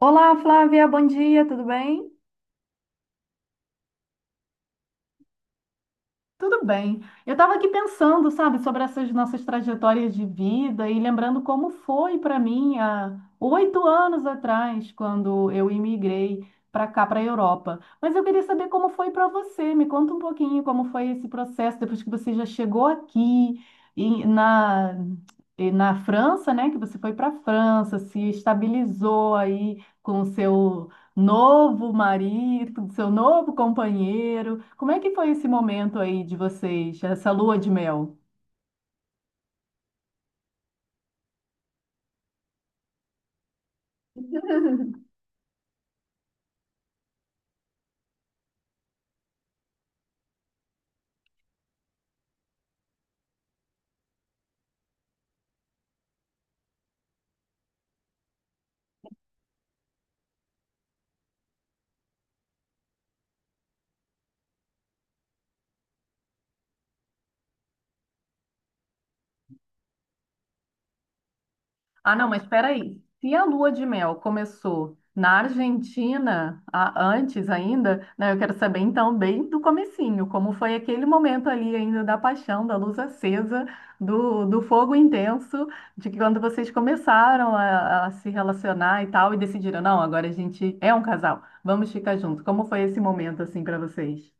Olá, Flávia, bom dia, tudo bem? Tudo bem. Eu estava aqui pensando, sabe, sobre essas nossas trajetórias de vida e lembrando como foi para mim há 8 anos atrás, quando eu imigrei para cá, para a Europa. Mas eu queria saber como foi para você. Me conta um pouquinho como foi esse processo depois que você já chegou aqui e na, e na França, né? Que você foi para a França, se estabilizou aí com o seu novo marido, do seu novo companheiro. Como é que foi esse momento aí de vocês, essa lua de mel? Ah, não, mas espera aí. Se a lua de mel começou na Argentina, antes ainda, né, eu quero saber então bem do comecinho, como foi aquele momento ali ainda da paixão, da luz acesa, do fogo intenso, de que quando vocês começaram a se relacionar e tal, e decidiram, não, agora a gente é um casal, vamos ficar juntos. Como foi esse momento assim para vocês?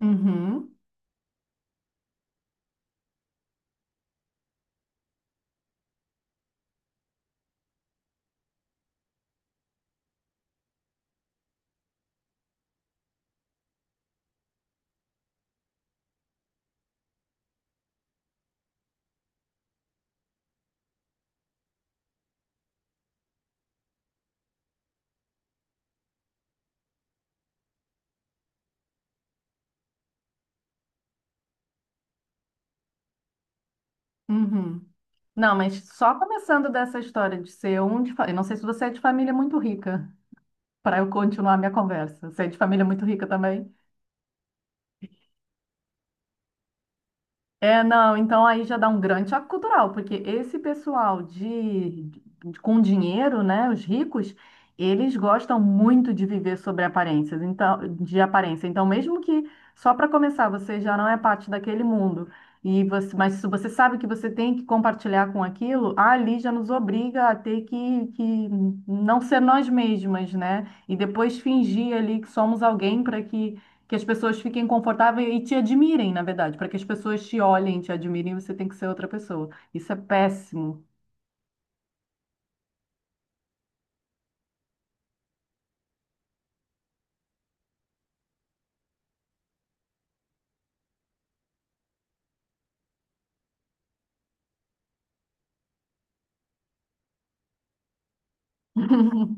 Uhum, uhum. Não, mas só começando dessa história de ser eu não sei se você é de família muito rica, para eu continuar a minha conversa. Você é de família muito rica também? É, não, então aí já dá um grande choque cultural, porque esse pessoal com dinheiro, né, os ricos, eles gostam muito de viver sobre aparências, então, de aparência. Então, mesmo que só para começar você já não é parte daquele mundo e você, mas se você sabe que você tem que compartilhar com aquilo, ali já nos obriga a ter que não ser nós mesmas, né? E depois fingir ali que somos alguém para que as pessoas fiquem confortáveis e te admirem, na verdade. Para que as pessoas te olhem, te admirem, você tem que ser outra pessoa. Isso é péssimo.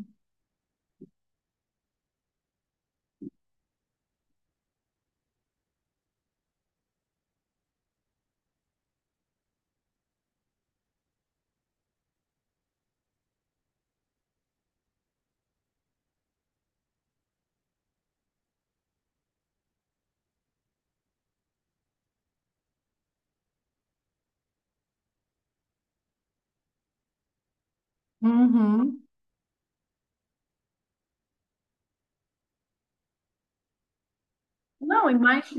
Uhum. Não, e mais.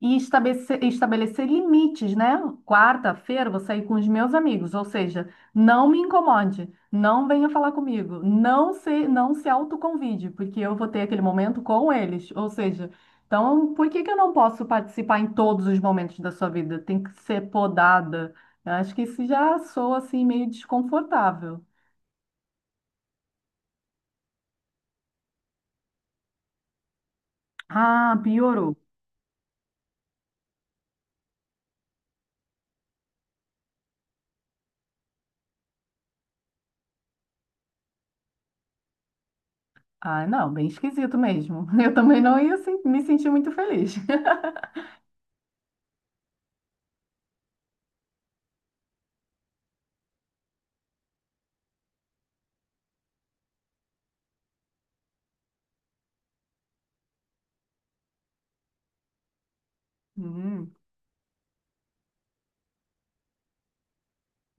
E estabelecer, estabelecer limites, né? Quarta-feira vou sair com os meus amigos, ou seja, não me incomode, não venha falar comigo, não se autoconvide, porque eu vou ter aquele momento com eles. Ou seja, então por que que eu não posso participar em todos os momentos da sua vida? Tem que ser podada. Eu acho que isso já soa assim meio desconfortável. Ah, piorou. Ah, não, bem esquisito mesmo. Eu também não ia se- me sentir muito feliz. Hum,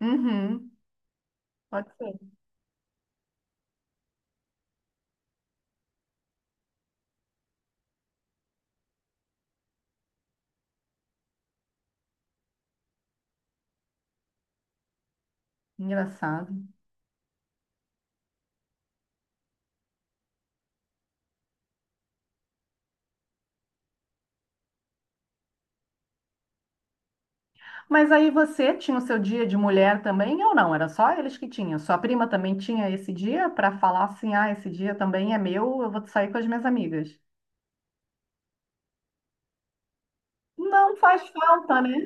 uhum, pode ser. Engraçado. Mas aí você tinha o seu dia de mulher também ou não? Era só eles que tinham? Sua prima também tinha esse dia para falar assim: ah, esse dia também é meu, eu vou sair com as minhas amigas. Não faz falta, né?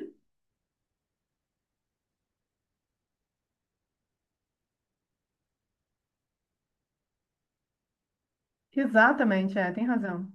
Exatamente, é, tem razão.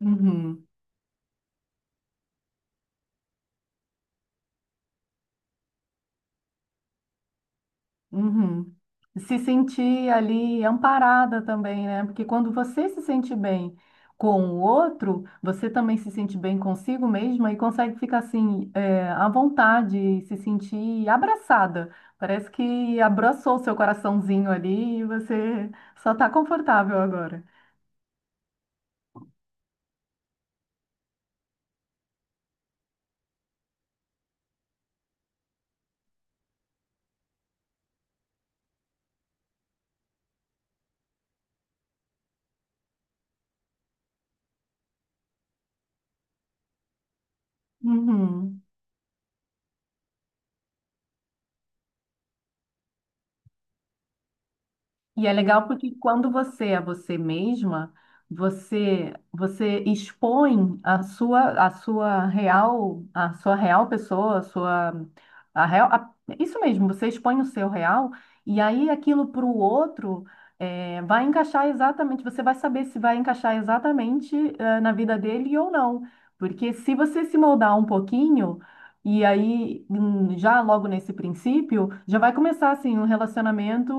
Uhum. Uhum. Se sentir ali amparada também, né? Porque quando você se sente bem com o outro, você também se sente bem consigo mesma e consegue ficar assim, é, à vontade, se sentir abraçada. Parece que abraçou o seu coraçãozinho ali e você só está confortável agora. Uhum. E é legal porque quando você é você mesma, você expõe a sua real pessoa, a sua a real, a- isso mesmo, você expõe o seu real e aí aquilo para o outro é, vai encaixar exatamente, você vai saber se vai encaixar exatamente eh, na vida dele ou não. Porque se você se moldar um pouquinho e aí, já logo nesse princípio, já vai começar assim um relacionamento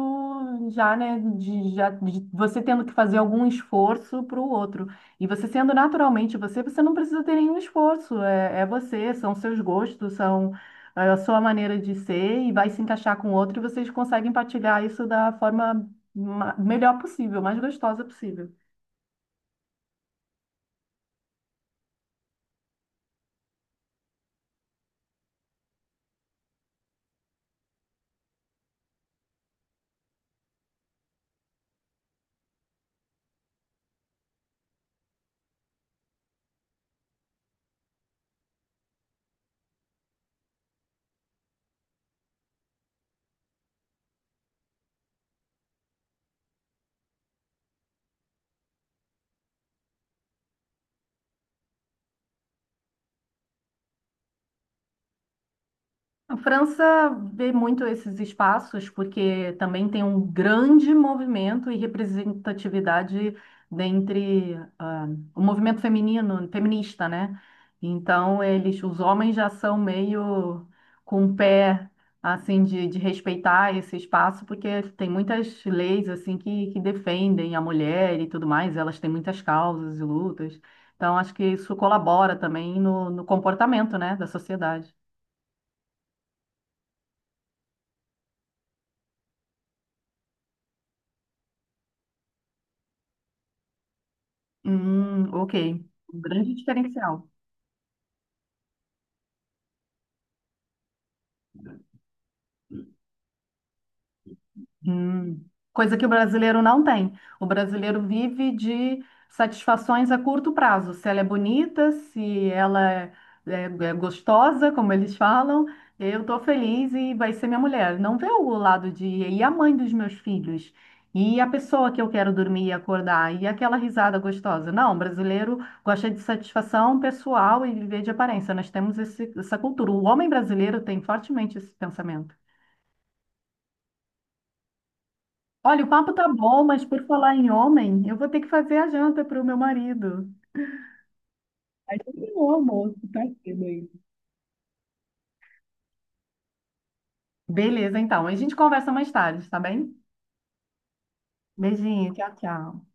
já, de você tendo que fazer algum esforço para o outro. E você sendo naturalmente você, você não precisa ter nenhum esforço. É, é você, são seus gostos, são é, a sua maneira de ser e vai se encaixar com o outro e vocês conseguem partilhar isso da forma melhor possível, mais gostosa possível. A França vê muito esses espaços porque também tem um grande movimento e representatividade dentre ah, o movimento feminino, feminista, né? Então eles, os homens já são meio com o pé assim de respeitar esse espaço porque tem muitas leis assim que defendem a mulher e tudo mais. Elas têm muitas causas e lutas. Então acho que isso colabora também no comportamento, né, da sociedade. Ok. Um grande diferencial. Hum, coisa que o brasileiro não tem. O brasileiro vive de satisfações a curto prazo. Se ela é bonita, se ela é, é gostosa, como eles falam, eu estou feliz e vai ser minha mulher. Não vê o lado de e a mãe dos meus filhos, e a pessoa que eu quero dormir e acordar, e aquela risada gostosa. Não, o brasileiro gosta de satisfação pessoal e viver de aparência. Nós temos essa cultura. O homem brasileiro tem fortemente esse pensamento. Olha, o papo tá bom, mas por falar em homem, eu vou ter que fazer a janta para o meu marido. A gente tem o almoço, tá cedo aí. Beleza, então. A gente conversa mais tarde, tá bem? Beijinho, tchau, tchau.